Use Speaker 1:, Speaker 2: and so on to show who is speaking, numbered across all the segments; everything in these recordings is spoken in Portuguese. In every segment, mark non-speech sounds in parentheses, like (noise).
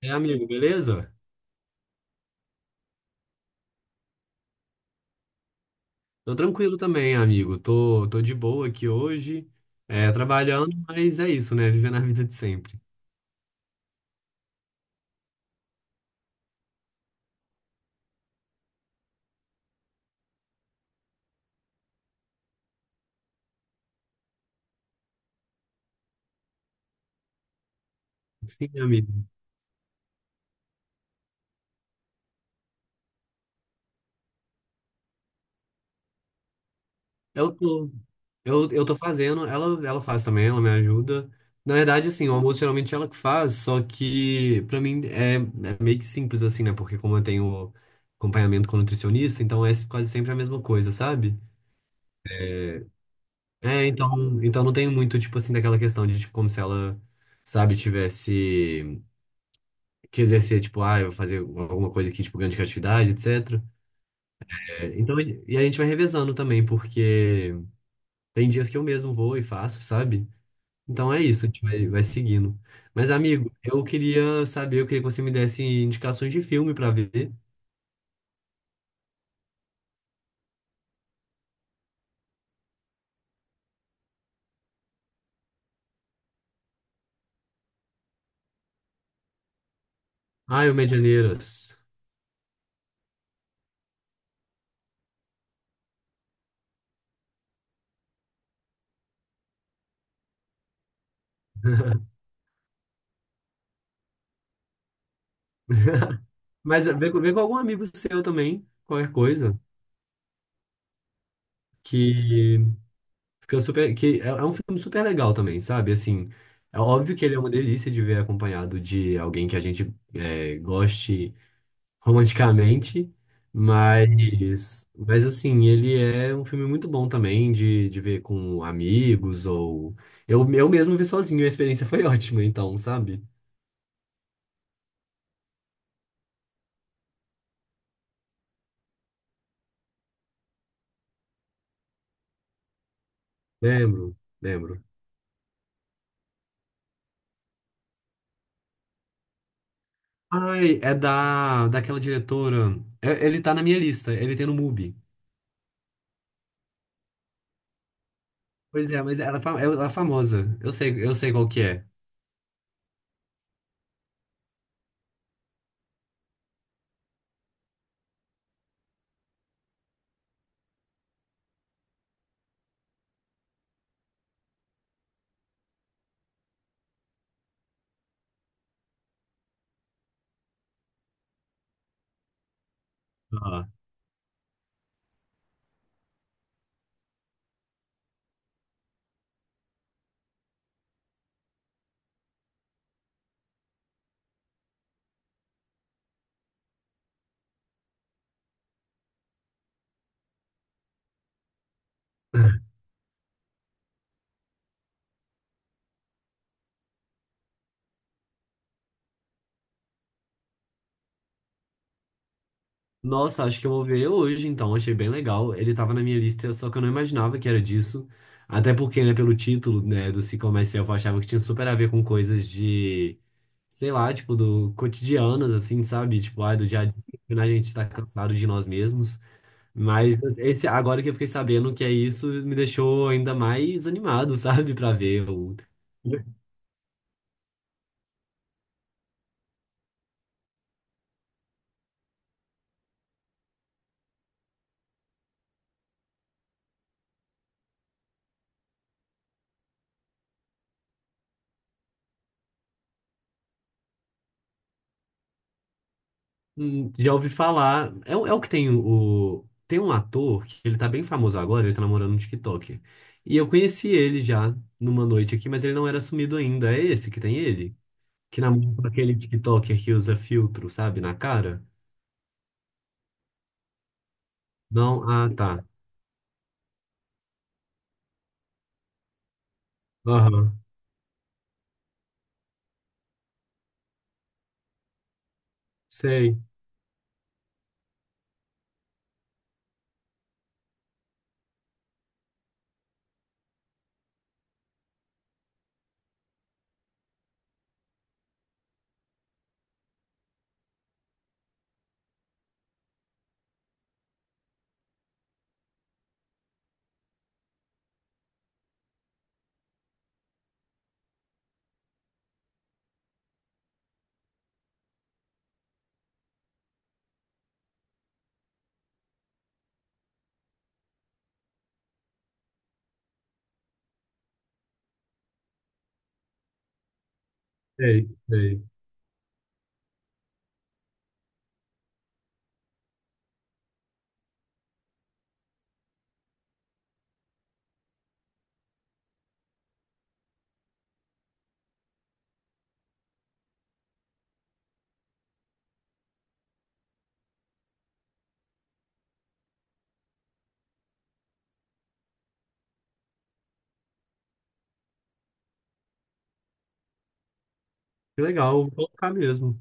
Speaker 1: É, amigo, beleza? Tô tranquilo também, amigo. Tô de boa aqui hoje, é, trabalhando, mas é isso, né? Vivendo a vida de sempre. Sim, amigo. Eu tô, eu tô fazendo, ela faz também, ela me ajuda. Na verdade, assim, o almoço geralmente ela que faz, só que pra mim é meio que simples, assim, né? Porque como eu tenho acompanhamento com nutricionista, então é quase sempre a mesma coisa, sabe? É, então não tem muito, tipo assim, daquela questão de, tipo, como se ela, sabe, tivesse que exercer, tipo, ah, eu vou fazer alguma coisa aqui, tipo, grande criatividade, etc. É, então, e a gente vai revezando também, porque tem dias que eu mesmo vou e faço, sabe? Então é isso, a gente vai seguindo. Mas, amigo, eu queria saber, eu queria que você me desse indicações de filme pra ver. Ah, o Medianeiras. (laughs) Mas vê com algum amigo seu também, qualquer coisa, que fica super, que é um filme super legal também, sabe? Assim, é óbvio que ele é uma delícia de ver acompanhado de alguém que a gente goste (laughs) romanticamente, mas assim, ele é um filme muito bom também de ver com amigos ou... Eu mesmo vi sozinho, e a experiência foi (laughs) ótima, então, sabe? Lembro, lembro. Ai, é daquela diretora... Ele tá na minha lista, ele tem no MUBI. Pois é, mas ela, é, ela é famosa, eu sei qual que é. Nossa, acho que eu vou ver hoje, então. Achei bem legal. Ele tava na minha lista, só que eu não imaginava que era disso. Até porque, né, pelo título, né, do Sick of Myself, eu achava que tinha super a ver com coisas de, sei lá, tipo, do cotidianas, assim, sabe? Tipo, ai, do dia a dia, né, a gente tá cansado de nós mesmos. Mas esse, agora que eu fiquei sabendo que é isso, me deixou ainda mais animado, (laughs) sabe, pra ver. Eu, Já ouvi falar. É, é o que tem o. Tem um ator que ele tá bem famoso agora, ele tá namorando no TikTok. E eu conheci ele já numa noite aqui, mas ele não era sumido ainda. É esse que tem ele? Que namora com aquele TikToker que usa filtro, sabe, na cara? Não? Ah, tá. Aham. Sei, sei, sei. Que legal, vou colocar mesmo.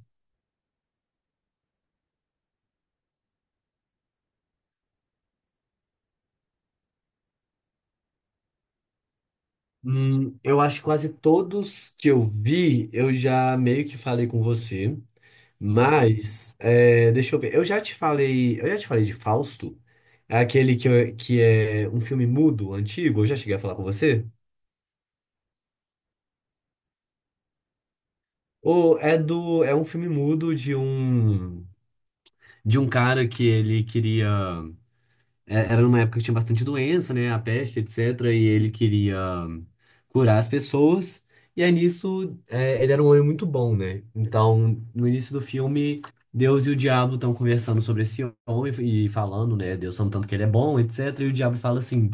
Speaker 1: Eu acho que quase todos que eu vi, eu já meio que falei com você. Mas, é, deixa eu ver. Eu já te falei de Fausto, é aquele que, que é um filme mudo, antigo. Eu já cheguei a falar com você. Ou é um filme mudo de um cara que ele queria era numa época que tinha bastante doença, né? A peste, etc. E ele queria curar as pessoas. E aí nisso, é, ele era um homem muito bom, né? Então, no início do filme, Deus e o diabo estão conversando sobre esse homem e falando, né? Deus falando tanto que ele é bom, etc. E o diabo fala assim: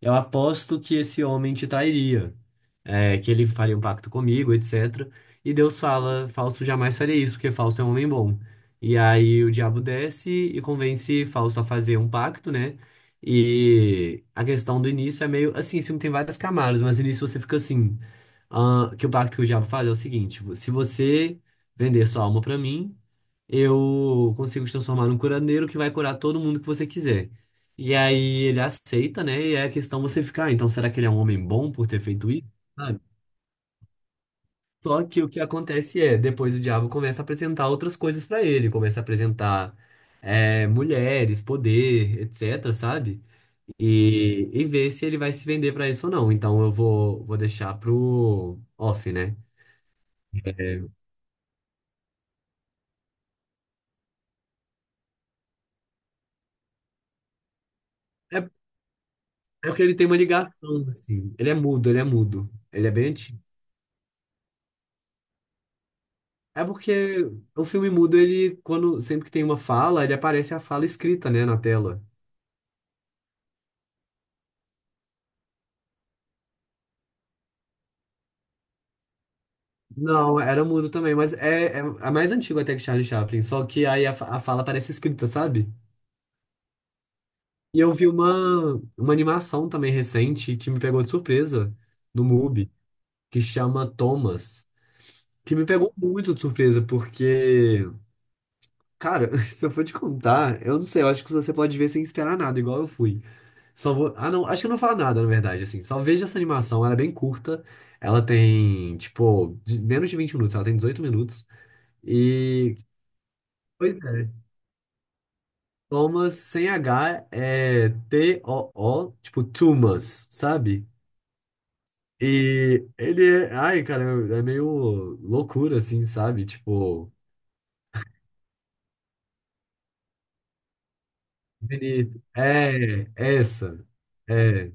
Speaker 1: eu aposto que esse homem te trairia, é, que ele faria um pacto comigo, etc. E Deus fala: Fausto jamais faria isso, porque Fausto é um homem bom. E aí o diabo desce e convence Fausto a fazer um pacto, né? E a questão do início é meio assim, esse filme tem várias camadas, mas no início você fica assim, ah, que o pacto que o diabo faz é o seguinte, se você vender sua alma pra mim, eu consigo te transformar num curandeiro que vai curar todo mundo que você quiser. E aí ele aceita, né? E aí a questão você fica, ah, então será que ele é um homem bom por ter feito isso? Sabe? Só que o que acontece é, depois o diabo começa a apresentar outras coisas pra ele, começa a apresentar mulheres, poder, etc, sabe? E ver se ele vai se vender pra isso ou não. Então eu vou deixar pro off, né? É, é porque ele tem uma ligação, assim. Ele é mudo, ele é mudo. Ele é bem antigo. É porque o filme mudo, ele, quando sempre que tem uma fala, ele aparece a fala escrita, né, na tela. Não, era mudo também, mas é mais antigo até que Charlie Chaplin, só que aí a fala parece escrita, sabe? E eu vi uma animação também recente que me pegou de surpresa no MUBI, que chama Thomas. Que me pegou muito de surpresa, porque, cara, (laughs) se eu for te contar, eu não sei, eu acho que você pode ver sem esperar nada, igual eu fui. Só vou. Ah, não, acho que eu não falo nada, na verdade, assim. Só veja essa animação, ela é bem curta. Ela tem, tipo, menos de 20 minutos, ela tem 18 minutos. E. Pois é. Thomas sem H é T-O-O, tipo, Tumas, sabe? E ele é. Ai, cara, é meio loucura, assim, sabe? Tipo. Benito. É, é essa. É.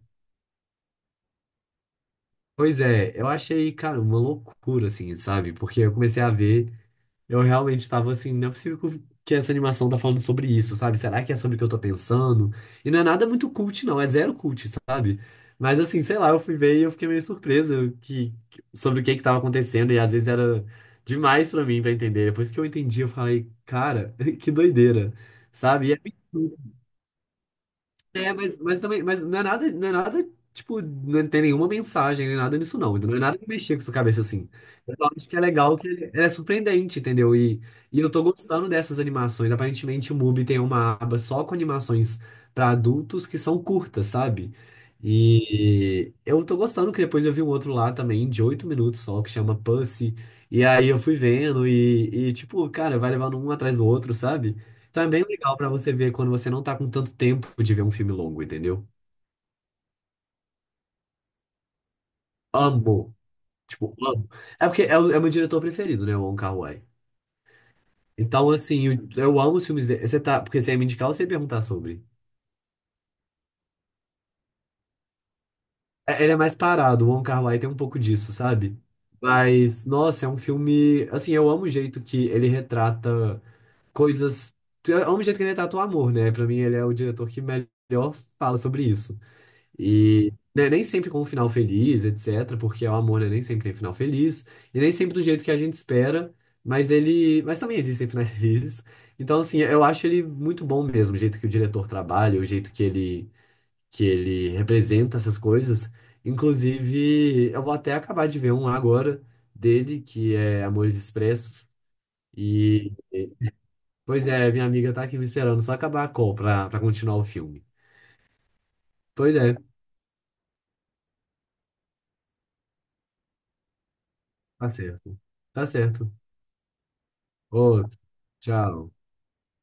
Speaker 1: Pois é, eu achei, cara, uma loucura, assim, sabe? Porque eu comecei a ver, eu realmente tava assim, não é possível que que essa animação tá falando sobre isso, sabe? Será que é sobre o que eu tô pensando? E não é nada muito cult, não, é zero cult, sabe? Mas assim, sei lá, eu fui ver e eu fiquei meio surpreso sobre o que que tava acontecendo, e às vezes era demais pra mim pra entender. Depois que eu entendi, eu falei, cara, (laughs) que doideira, sabe? É, mas também, mas não é nada, não é nada, tipo, não tem nenhuma mensagem, nem nada nisso, não. Então, não é nada que mexer com sua cabeça assim. Eu só acho que é legal que ela é surpreendente, entendeu? E eu tô gostando dessas animações. Aparentemente, o MUBI tem uma aba só com animações pra adultos que são curtas, sabe? E eu tô gostando que depois eu vi um outro lá também, de 8 minutos só, que chama Pussy. E aí eu fui vendo e, tipo, cara, vai levando um atrás do outro, sabe? Então é bem legal pra você ver quando você não tá com tanto tempo de ver um filme longo, entendeu? Amo. Tipo, amo. É porque é o meu diretor preferido, né? O Wong Kar-wai. Então, assim, eu amo os filmes dele. Você tá, porque você ia me indicar ou você ia perguntar sobre? É, ele é mais parado, o Wong Kar-wai tem um pouco disso, sabe? Mas, nossa, é um filme. Assim, eu amo o jeito que ele retrata coisas. Eu amo o jeito que ele retrata o amor, né? Pra mim, ele é o diretor que melhor fala sobre isso. E né, nem sempre com um final feliz, etc., porque o amor, né, nem sempre tem final feliz, e nem sempre do jeito que a gente espera, mas ele. Mas também existem finais (laughs) felizes. Então, assim, eu acho ele muito bom mesmo, o jeito que o diretor trabalha, o jeito que ele, representa essas coisas. Inclusive, eu vou até acabar de ver um agora dele, que é Amores Expressos. E, e- pois é, minha amiga tá aqui me esperando só acabar a call pra, continuar o filme. Pois é, tá certo. Tá certo. Outro. Tchau.